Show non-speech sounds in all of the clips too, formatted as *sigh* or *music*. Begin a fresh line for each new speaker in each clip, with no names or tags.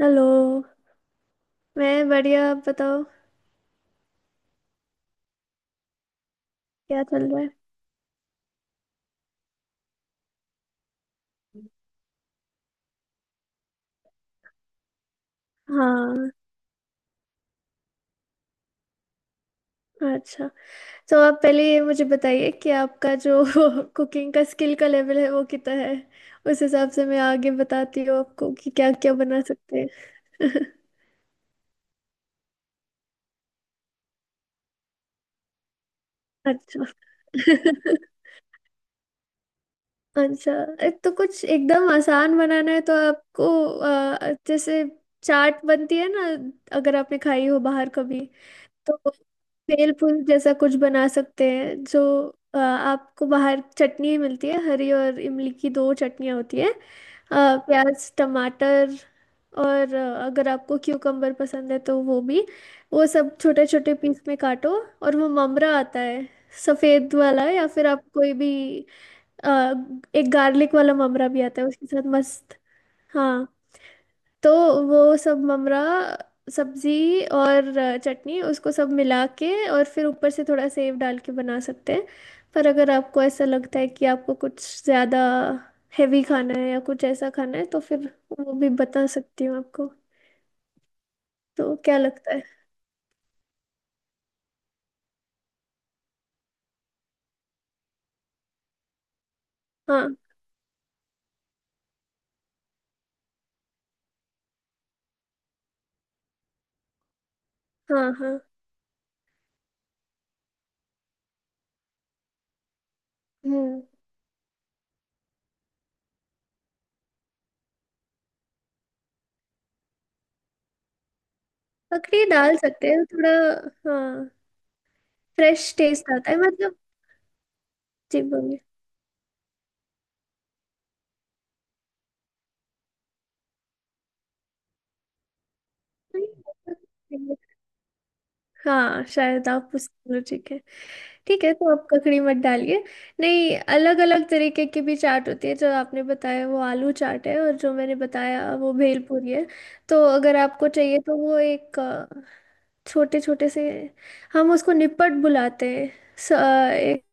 Hello. मैं बढ़िया, आप बताओ। क्या चल रहा है? हाँ। अच्छा। तो आप पहले ये मुझे बताइए कि आपका जो *laughs* कुकिंग का स्किल का लेवल है वो कितना है। उस हिसाब से मैं आगे बताती हूँ आपको कि क्या क्या बना सकते हैं। *laughs* अच्छा। *laughs* अच्छा। एक तो कुछ एकदम आसान बनाना है, तो आपको जैसे चाट बनती है ना? अगर आपने खाई हो बाहर कभी। तो बेल फूल जैसा कुछ बना सकते हैं, जो आपको बाहर चटनी मिलती है हरी और इमली की, दो चटनियाँ होती है। प्याज टमाटर, और अगर आपको क्यूकम्बर पसंद है तो वो भी। वो सब छोटे छोटे पीस में काटो। और वो ममरा आता है सफ़ेद वाला, या फिर आप कोई भी अ, एक गार्लिक वाला ममरा भी आता है, उसके साथ मस्त। हाँ। तो वो सब ममरा, सब्जी और चटनी, उसको सब मिला के और फिर ऊपर से थोड़ा सेव डाल के बना सकते हैं। पर अगर आपको ऐसा लगता है कि आपको कुछ ज़्यादा हेवी खाना है, या कुछ ऐसा खाना है, तो फिर वो भी बता सकती हूँ आपको। तो क्या लगता है? हाँ हाँ। हाँ। हम्म। ककड़ी डाल सकते हैं थोड़ा। हाँ। फ्रेश टेस्ट आता है मतलब। जी बोलिए। हाँ शायद, आप पूछते हो, ठीक है। ठीक है, तो आप ककड़ी मत डालिए। नहीं, अलग अलग तरीके की भी चाट होती है। जो आपने बताया वो आलू चाट है, और जो मैंने बताया वो भेलपूरी है। तो अगर आपको चाहिए तो वो एक छोटे छोटे से, हम उसको निपट बुलाते हैं। एक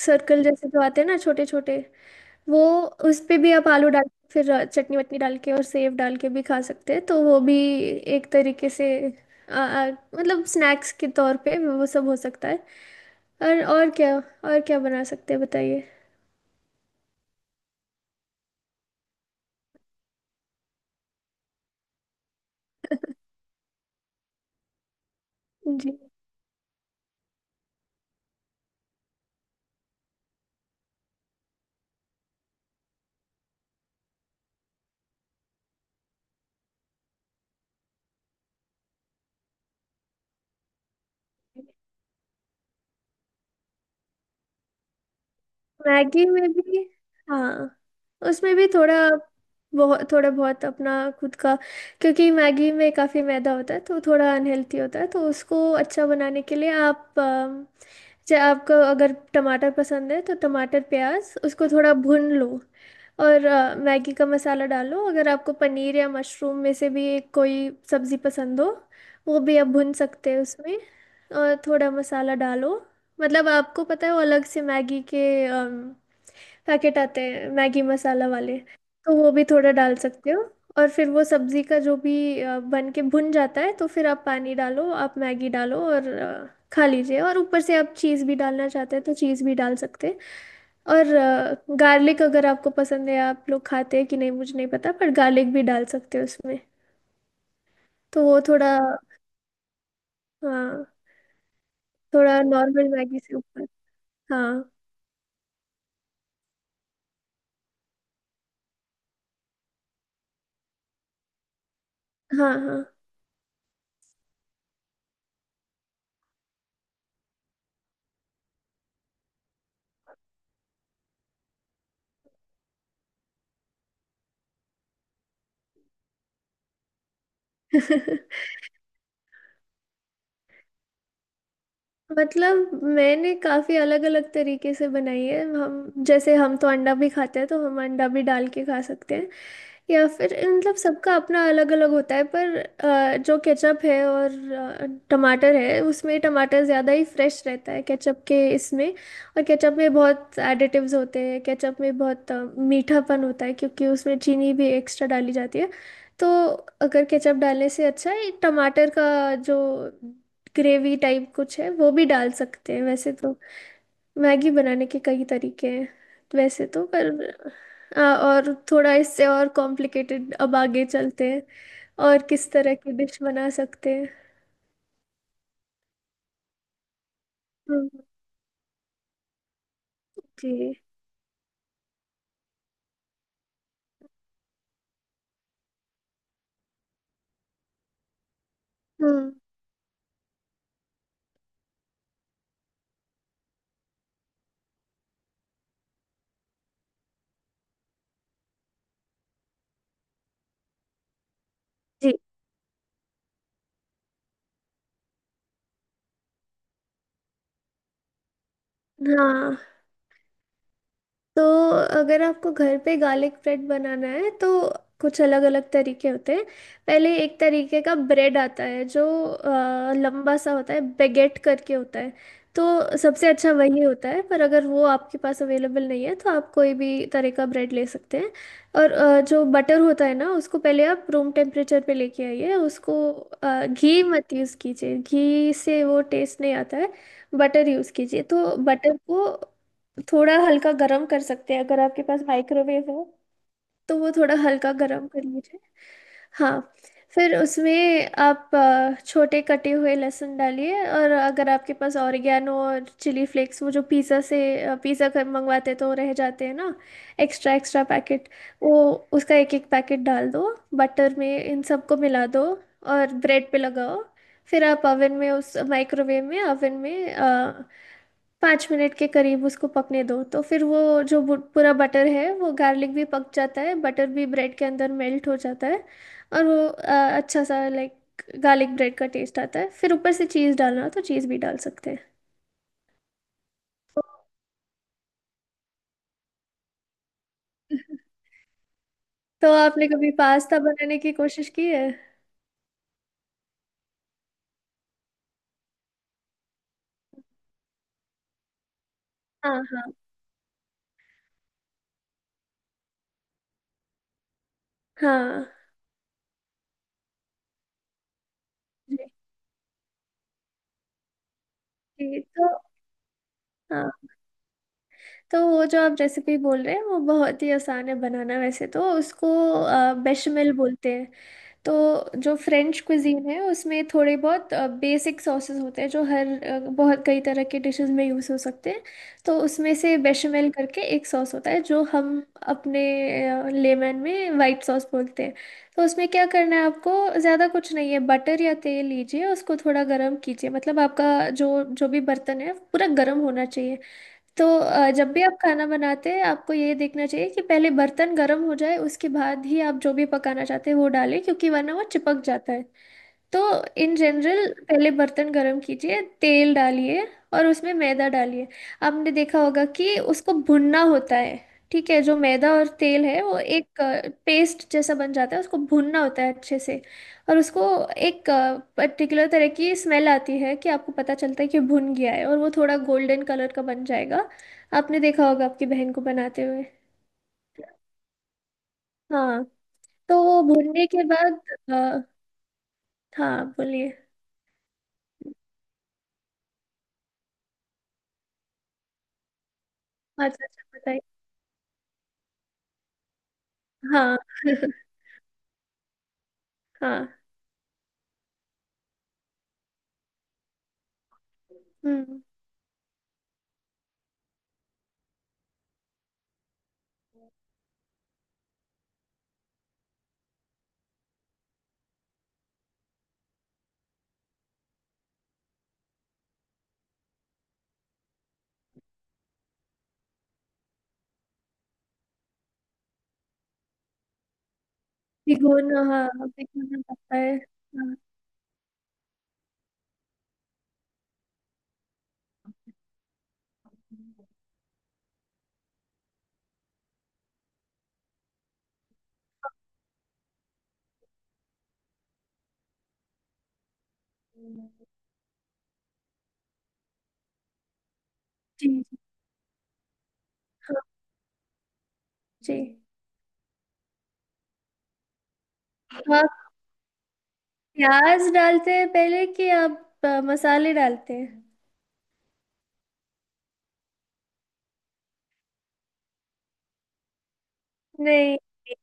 सर्कल जैसे जो आते हैं ना छोटे छोटे, वो, उस पे भी आप आलू डाल के फिर चटनी वटनी डाल के और सेव डाल के भी खा सकते हैं। तो वो भी एक तरीके से, आ, आ, मतलब स्नैक्स के तौर पे वो सब हो सकता है। और क्या, और क्या बना सकते हैं बताइए। जी। मैगी में भी। हाँ। उसमें भी थोड़ा बहुत, थोड़ा बहुत अपना खुद का। क्योंकि मैगी में काफ़ी मैदा होता है तो थोड़ा अनहेल्थी होता है, तो उसको अच्छा बनाने के लिए आप जैसे आपको अगर टमाटर पसंद है तो टमाटर प्याज उसको थोड़ा भून लो। और मैगी का मसाला डालो। अगर आपको पनीर या मशरूम में से भी एक कोई सब्ज़ी पसंद हो, वो भी आप भून सकते हैं उसमें। और थोड़ा मसाला डालो। मतलब आपको पता है वो अलग से मैगी के पैकेट आते हैं मैगी मसाला वाले, तो वो भी थोड़ा डाल सकते हो। और फिर वो सब्जी का जो भी बन के भुन जाता है, तो फिर आप पानी डालो आप मैगी डालो और खा लीजिए। और ऊपर से आप चीज़ भी डालना चाहते हैं तो चीज़ भी डाल सकते हैं। और गार्लिक अगर आपको पसंद है, आप लोग खाते हैं कि नहीं मुझे नहीं पता, पर गार्लिक भी डाल सकते हो उसमें। तो वो थोड़ा। हाँ। थोड़ा नॉर्मल मैगी से ऊपर। हाँ। हाँ। हाँ। *laughs* मतलब मैंने काफी अलग अलग तरीके से बनाई है। हम जैसे, हम तो अंडा भी खाते हैं तो हम अंडा भी डाल के खा सकते हैं। या फिर मतलब सबका अपना अलग अलग होता है, पर जो केचप है और टमाटर है, उसमें टमाटर ज़्यादा ही फ्रेश रहता है केचप के इसमें। और केचप में बहुत एडिटिव्स होते हैं, केचप में बहुत मीठापन होता है क्योंकि उसमें चीनी भी एक्स्ट्रा डाली जाती है। तो अगर केचप डालने से अच्छा है टमाटर का जो ग्रेवी टाइप कुछ है, वो भी डाल सकते हैं वैसे तो। मैगी बनाने के कई तरीके हैं वैसे तो, पर और थोड़ा इससे और कॉम्प्लिकेटेड, अब आगे चलते हैं और किस तरह की डिश बना सकते हैं। हम्म। जी। हम्म। जी। हाँ। तो अगर आपको घर पे गार्लिक ब्रेड बनाना है तो कुछ अलग अलग तरीके होते हैं। पहले एक तरीके का ब्रेड आता है, जो लंबा सा होता है, बेगेट करके होता है। तो सबसे अच्छा वही होता है, पर अगर वो आपके पास अवेलेबल नहीं है तो आप कोई भी तरह का ब्रेड ले सकते हैं। और जो बटर होता है ना, उसको पहले आप रूम टेम्परेचर पे लेके आइए। उसको, घी मत यूज़ कीजिए, घी से वो टेस्ट नहीं आता है। बटर यूज़ कीजिए, तो बटर को थोड़ा हल्का गरम कर सकते हैं अगर आपके पास माइक्रोवेव हो तो वो थोड़ा हल्का गरम कर लीजिए। हाँ। फिर उसमें आप छोटे कटे हुए लहसुन डालिए। और अगर आपके पास ऑरिगेनो और चिली फ्लेक्स, वो जो पिज़्ज़ा कर मंगवाते तो रह जाते हैं ना, एक्स्ट्रा एक्स्ट्रा पैकेट, वो, उसका एक एक पैकेट डाल दो। बटर में इन सबको मिला दो और ब्रेड पे लगाओ। फिर आप ओवन में, उस माइक्रोवेव में, ओवन में 5 मिनट के करीब उसको पकने दो, तो फिर वो पूरा बटर है वो, गार्लिक भी पक जाता है, बटर भी ब्रेड के अंदर मेल्ट हो जाता है। और वो अच्छा सा लाइक गार्लिक ब्रेड का टेस्ट आता है। फिर ऊपर से चीज़ डालना हो तो चीज़ भी डाल सकते हैं। तो *laughs* तो आपने कभी पास्ता बनाने की कोशिश की है? हाँ हाँ। हाँ। जी, जी। तो हाँ, तो वो जो आप रेसिपी बोल रहे हैं वो बहुत ही आसान है बनाना वैसे तो, उसको बेशमेल बोलते हैं। तो जो फ्रेंच क्विजीन है उसमें थोड़े बहुत बेसिक सॉसेस होते हैं, जो हर बहुत कई तरह के डिशेस में यूज़ हो सकते हैं। तो उसमें से बेशमेल करके एक सॉस होता है, जो हम अपने लेमन में वाइट सॉस बोलते हैं। तो उसमें क्या करना है आपको, ज़्यादा कुछ नहीं है। बटर या तेल लीजिए, उसको थोड़ा गर्म कीजिए, मतलब आपका जो जो भी बर्तन है पूरा गर्म होना चाहिए। तो जब भी आप खाना बनाते हैं आपको ये देखना चाहिए कि पहले बर्तन गर्म हो जाए, उसके बाद ही आप जो भी पकाना चाहते हैं वो डालें, क्योंकि वरना वो चिपक जाता है। तो इन जनरल पहले बर्तन गरम कीजिए, तेल डालिए और उसमें मैदा डालिए। आपने देखा होगा कि उसको भुनना होता है। ठीक है, जो मैदा और तेल है वो एक पेस्ट जैसा बन जाता है, उसको भुनना होता है अच्छे से। और उसको एक पर्टिकुलर तरह की स्मेल आती है कि आपको पता चलता है कि भुन गया है, और वो थोड़ा गोल्डन कलर का बन जाएगा। आपने देखा होगा आपकी बहन को बनाते हुए। हाँ। तो वो भुनने के बाद, अ, हाँ बोलिए। अच्छा अच्छा बताइए। हाँ *laughs* हाँ। हम्म। भिगोना, हाँ भिगोना पड़ता है, हाँ। जी, जी। हाँ। जी। आप प्याज डालते हैं पहले कि आप मसाले डालते हैं? नहीं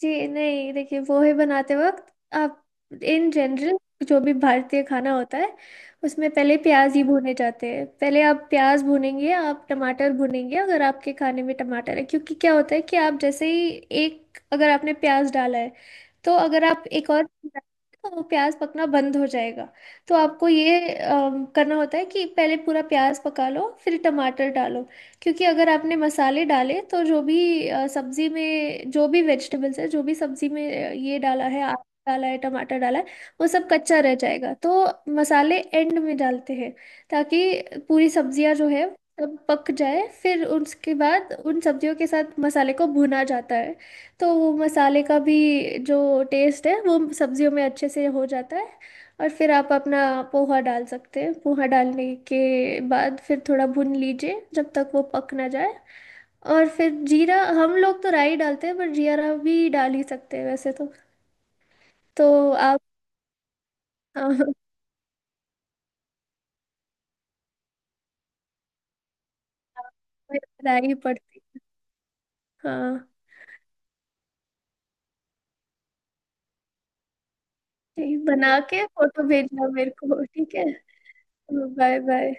जी, नहीं देखिए, पोहे बनाते वक्त आप इन जनरल, जो भी भारतीय खाना होता है उसमें पहले प्याज ही भुने जाते हैं। पहले आप प्याज भुनेंगे, आप टमाटर भुनेंगे अगर आपके खाने में टमाटर है, क्योंकि क्या होता है कि आप जैसे ही, एक, अगर आपने प्याज डाला है, तो अगर आप एक और, तो वो प्याज पकना बंद हो जाएगा। तो आपको ये करना होता है कि पहले पूरा प्याज पका लो फिर टमाटर डालो। क्योंकि अगर आपने मसाले डाले तो जो भी सब्जी में, जो भी वेजिटेबल्स है, जो भी सब्जी में ये डाला है, आलू डाला है, टमाटर डाला है, वो सब कच्चा रह जाएगा। तो मसाले एंड में डालते हैं, ताकि पूरी सब्जियां जो है सब पक जाए, फिर उसके बाद उन सब्जियों के साथ मसाले को भुना जाता है। तो वो मसाले का भी जो टेस्ट है वो सब्जियों में अच्छे से हो जाता है। और फिर आप अपना पोहा डाल सकते हैं। पोहा डालने के बाद फिर थोड़ा भून लीजिए जब तक वो पक ना जाए। और फिर जीरा, हम लोग तो राई डालते हैं पर जीरा भी डाल ही सकते हैं वैसे तो। तो आप, हाँ *laughs* हाँ, राई पड़ती है। हाँ। ठीक, बना के फोटो भेजना मेरे को, ठीक है? तो बाय बाय।